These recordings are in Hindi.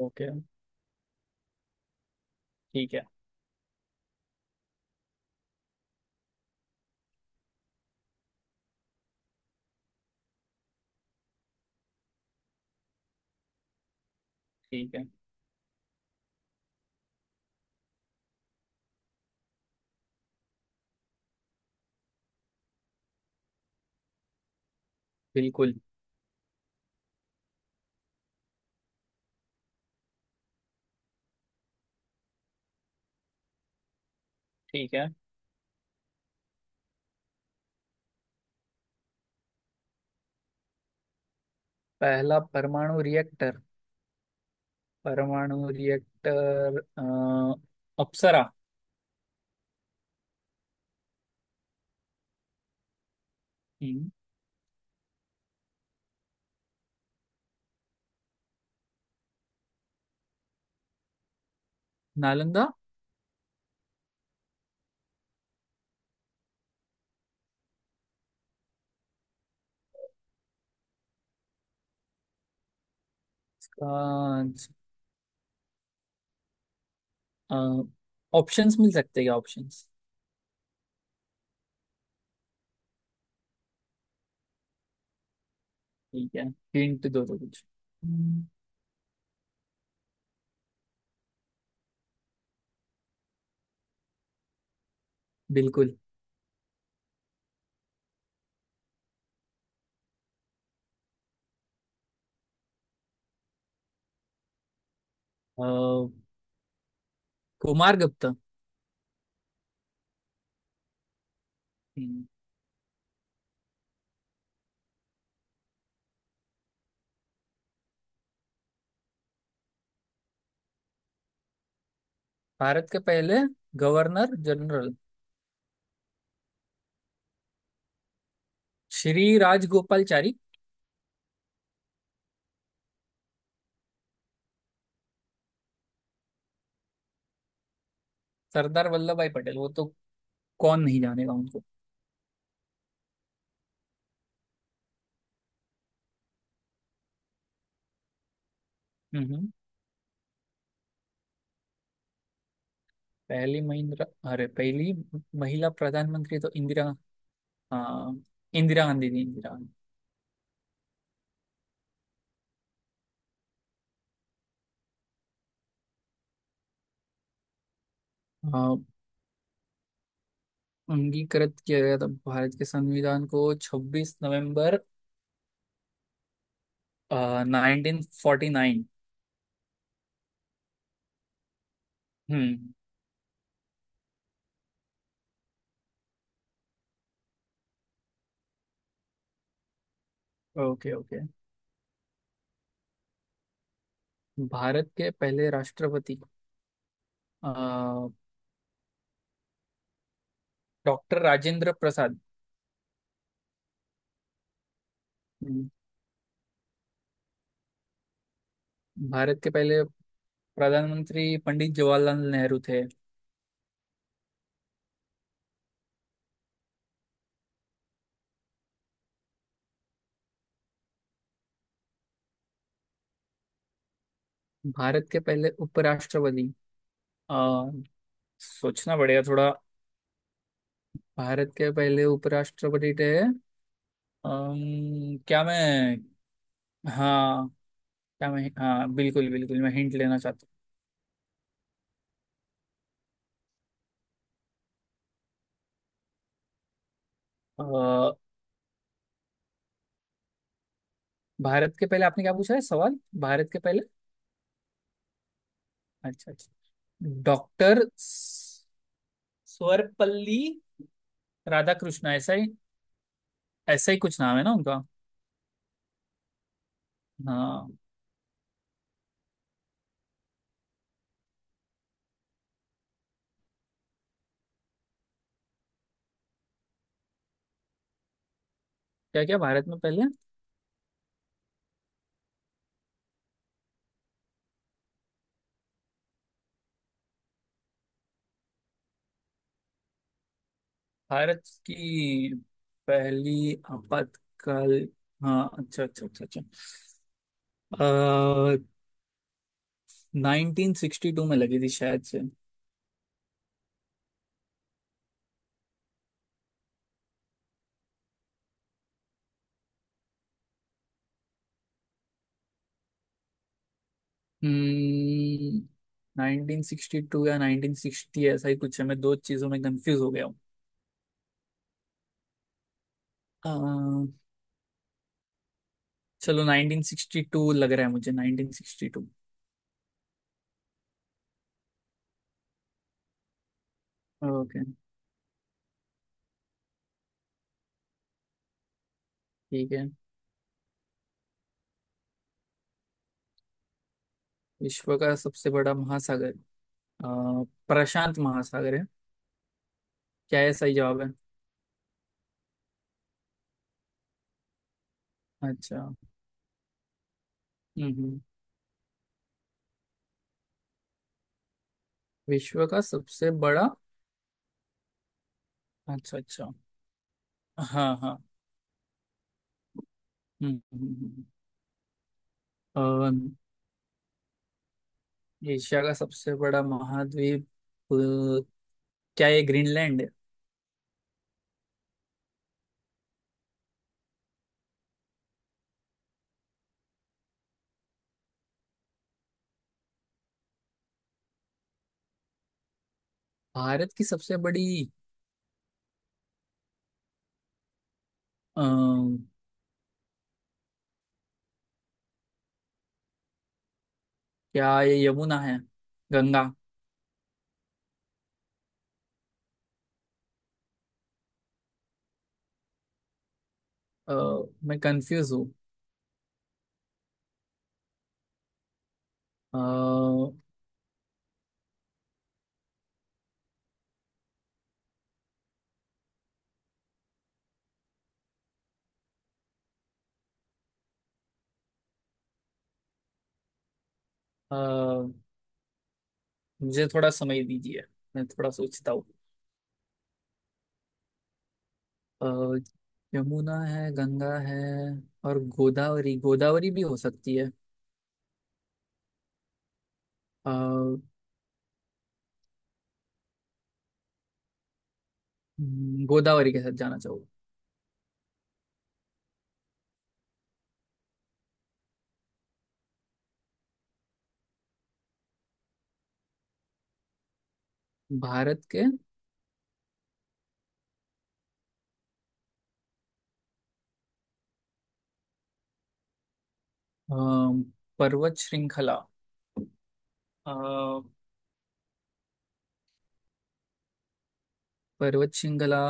ओके। ठीक है। ठीक है। बिल्कुल। ठीक है। पहला परमाणु रिएक्टर, परमाणु रिएक्टर अप्सरा। हम्म। नालंदा। कांच। ऑप्शंस मिल सकते हैं क्या? ऑप्शंस? ठीक है। हिंट दो तो कुछ। हम्म। बिल्कुल। अ, कुमार गुप्ता। हम्म। भारत के पहले governor general Shri Rajagopalachari. Sardar Vallabhbhai Patel, वो तो कौन नहीं जानेगा। उनको पहली महिंद्रा, अरे पहली महिला प्रधानमंत्री तो इंदिरा, हाँ, इंदिरा गांधी थी। इंदिरा गांधी। हाँ, अंगीकृत किया गया था भारत के संविधान को 26 नवंबर 1949। हम्म। Okay, okay. भारत के पहले राष्ट्रपति डॉक्टर राजेंद्र प्रसाद। हम्म। भारत के पहले प्रधानमंत्री पंडित जवाहरलाल नेहरू थे। भारत के पहले उपराष्ट्रपति। अ, सोचना पड़ेगा थोड़ा। भारत के पहले उपराष्ट्रपति थे, क्या मैं? हाँ, क्या मैं, हाँ, बिल्कुल बिल्कुल, मैं हिंट लेना चाहता हूँ। अ, भारत के पहले, आपने क्या पूछा है सवाल? भारत के पहले। अच्छा, अच्छा। डॉक्टर सर्वपल्ली राधाकृष्ण, ऐसा ही, ऐसा ही कुछ नाम है ना उनका? हाँ। क्या क्या भारत में पहले, भारत की पहली आपातकाल? हाँ, अच्छा, अच्छा, अच्छा, अच्छा। 1962 में लगी थी शायद से। हम्म, 1962 या 1960, ऐसा ही कुछ है, मैं दो चीजों में कंफ्यूज हो गया हूँ। अ, चलो, 1962 लग रहा है मुझे। 1962। ओके। ठीक है। विश्व का सबसे बड़ा महासागर अ, प्रशांत महासागर है। क्या ये सही जवाब है? अच्छा। हम्म। हम्म। विश्व का सबसे बड़ा। अच्छा, अच्छा। हाँ, हाँ। हम्म, हम्म। एशिया का सबसे बड़ा महाद्वीप, अ, क्या ये ग्रीनलैंड है? भारत की सबसे बड़ी, अम्म, क्या ये यमुना है? गंगा? अ, मैं कंफ्यूज हूँ। अ, अ, मुझे थोड़ा समय दीजिए, मैं थोड़ा सोचता हूँ। अ, यमुना है, गंगा है, और गोदावरी, गोदावरी भी हो सकती है। अ, हम्म, गोदावरी के साथ जाना चाहूँ। भारत के अ, पर्वत श्रृंखला, अ, पर्वत श्रृंखला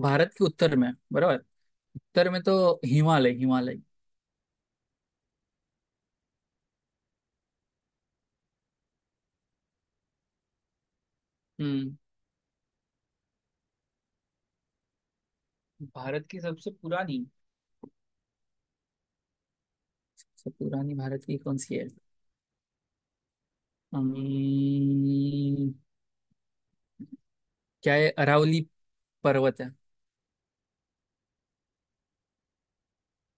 भारत के उत्तर में बराबर। उत्तर में तो हिमालय, हिमालय। हम्म। भारत की सबसे पुरानी, सबसे पुरानी भारत की कौन सी है? अम्म, क्या है? अरावली पर्वत है।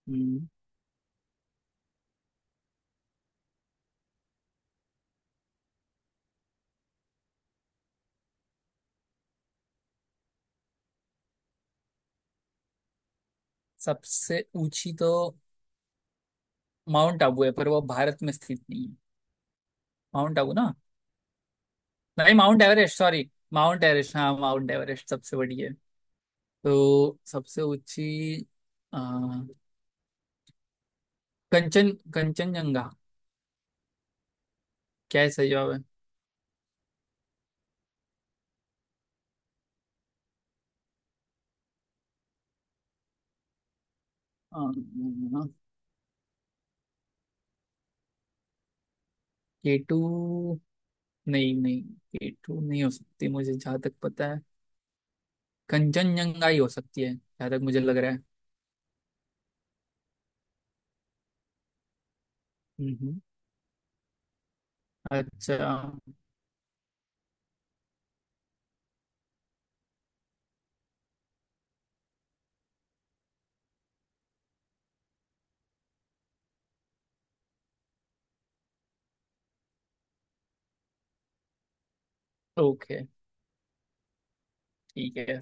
हम्म, सबसे ऊंची तो माउंट आबू है, पर वो भारत में स्थित नहीं है। माउंट आबू ना। नहीं, mount Everest, sorry, mount Everest, हाँ माउंट एवरेस्ट सबसे बड़ी है। तो सबसे ऊंची अ, कंचनजंगा। क्या है सही जवाब है? अम्म, केटू, नहीं, नहीं, केटू नहीं हो सकती, मुझे जहाँ तक पता है कंचनजंगा ही हो सकती है, जहाँ तक मुझे लग रहा है। हम्म। अच्छा। ओके। ठीक है।